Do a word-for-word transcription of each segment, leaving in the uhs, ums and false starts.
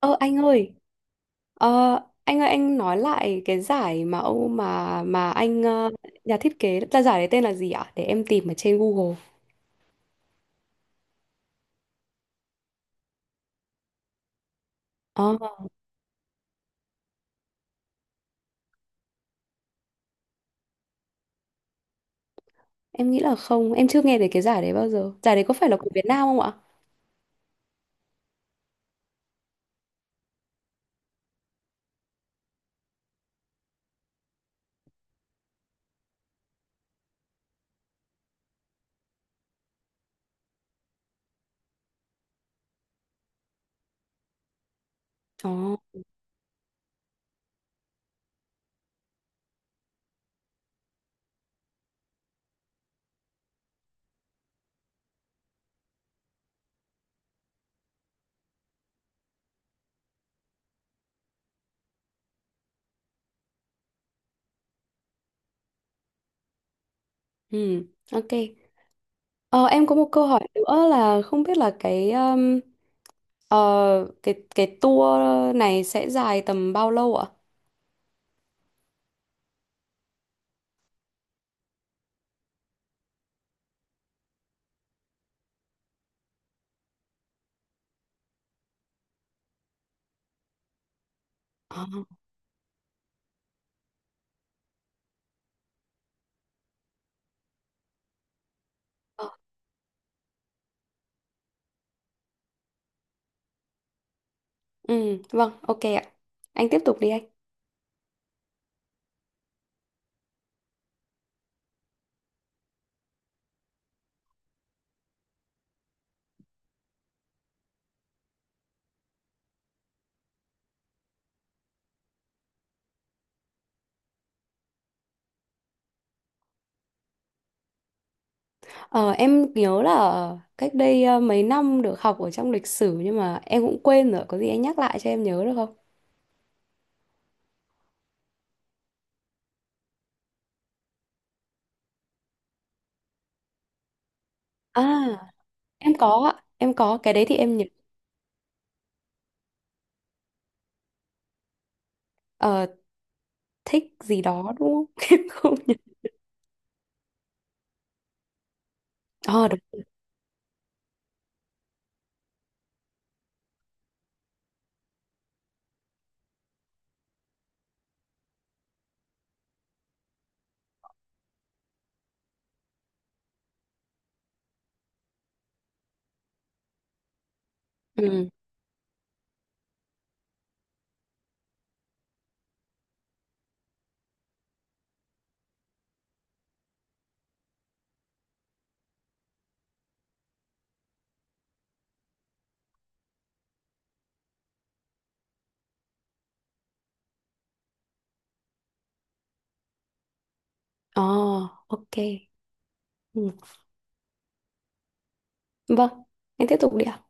Ơ anh ơi, ờ, anh ơi anh nói lại cái giải mà ông mà mà anh, ờ, nhà thiết kế ra giải đấy tên là gì ạ? Để em tìm ở trên Google. Ờ, em nghĩ là không, em chưa nghe về cái giải đấy bao giờ. Giải đấy có phải là của Việt Nam không ạ? Ờ, ừ, ok. Ờ, em có một câu hỏi nữa là không biết là cái um, ờ, cái cái tour này sẽ dài tầm bao lâu ạ? Ờ, ờ, ừ, vâng, ok ạ. Anh tiếp tục đi anh. Ờ, em nhớ là cách đây ờ, mấy năm được học ở trong lịch sử, nhưng mà em cũng quên rồi, có gì anh nhắc lại cho em nhớ được không? À, em có ạ, em có cái đấy thì em nhớ. Ờ, thích gì đó đúng không? Em không nhớ. Ờ, đúng. Ừ. Ờ, ok. Ừ. Vâng, em tiếp tục đi ạ.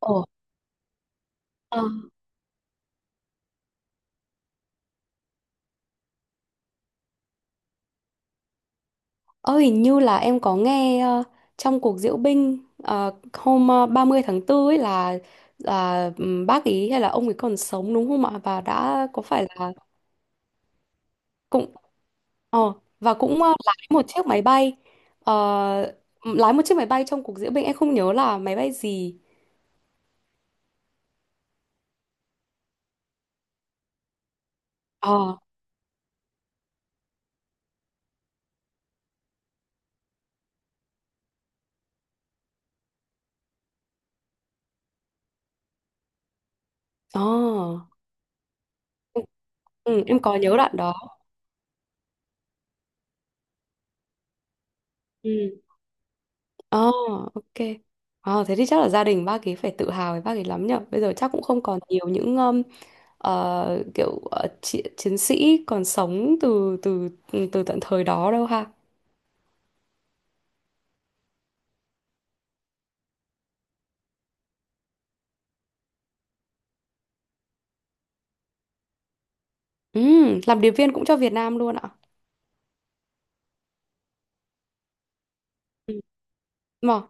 Ồ, ờ, ờ, hình như là em có nghe ờ, trong cuộc diễu binh ờ, hôm ờ, ba mươi tháng tư ấy là là ừm, bác ý, hay là ông ấy còn sống đúng không ạ? Và đã có phải là cũng, Ờ, và cũng, ờ, lái một chiếc máy bay. Ờ, lái một chiếc máy bay trong cuộc diễu binh, em không nhớ là máy bay gì. ờ ờ ừ, ừ, em có nhớ đoạn đó. Ừ, ờ ok. Ờ, thế thì chắc là gia đình bác ấy phải tự hào với bác ấy lắm nhở. Bây giờ chắc cũng không còn nhiều những, um, ờ, kiểu, ờ, chi- chiến sĩ còn sống từ từ ừ, từ tận thời đó đâu ha. Ừ. Làm điệp viên cũng cho Việt Nam luôn ạ? Ừ. Mà.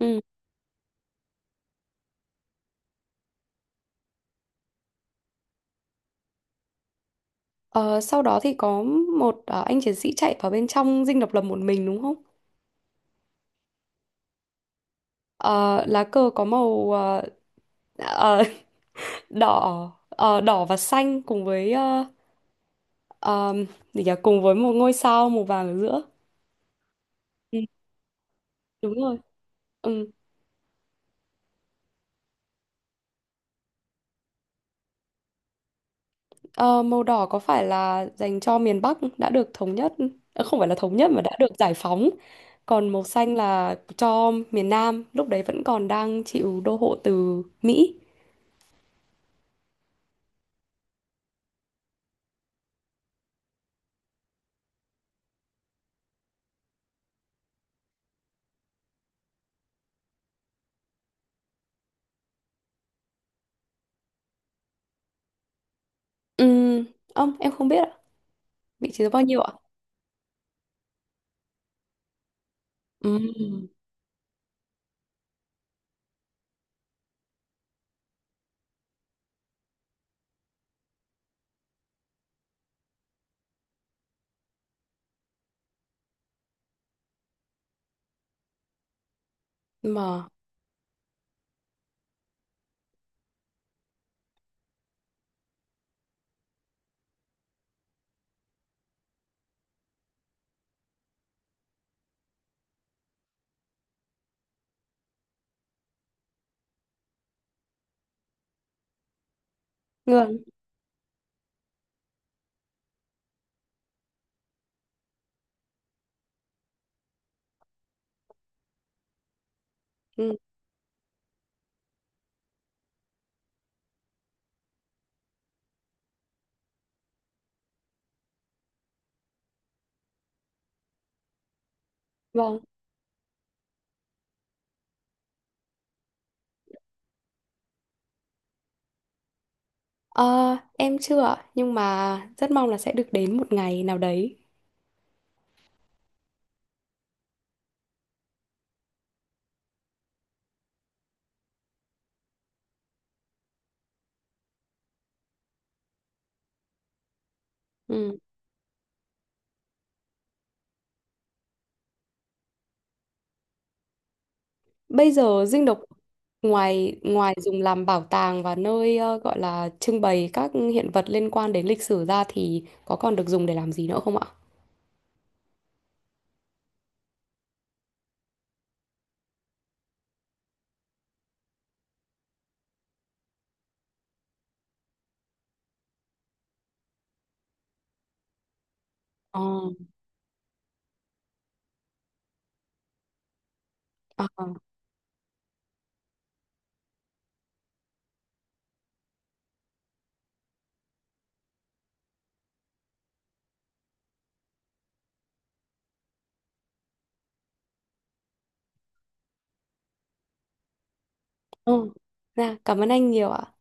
Ừ. Ờ, sau đó thì có một, ờ, anh chiến sĩ chạy vào bên trong Dinh Độc Lập một mình đúng không? Ờ, lá cờ có màu, ờ, ờ, đỏ ờ, đỏ và xanh, cùng với, ờ, ờm, gì nhỉ? Cùng với một ngôi sao màu vàng ở giữa. Ừ, đúng rồi. Ừ. Ờ, màu đỏ có phải là dành cho miền Bắc đã được thống nhất, ờ, không phải là thống nhất mà đã được giải phóng. Còn màu xanh là cho miền Nam lúc đấy vẫn còn đang chịu đô hộ từ Mỹ. Ừ, ông em không biết ạ. Vị trí số bao nhiêu ạ? Ừ, mà. Ngươn. Ừ, vâng. Ờ, em chưa, ạ, nhưng mà rất mong là sẽ được đến một ngày nào đấy. Ừ. Bây giờ Dinh Độc, ngoài ngoài dùng làm bảo tàng và nơi, ờ, gọi là trưng bày các hiện vật liên quan đến lịch sử ra, thì có còn được dùng để làm gì nữa không ạ? Ờ. À, ừ. Dạ, cảm ơn anh nhiều ạ.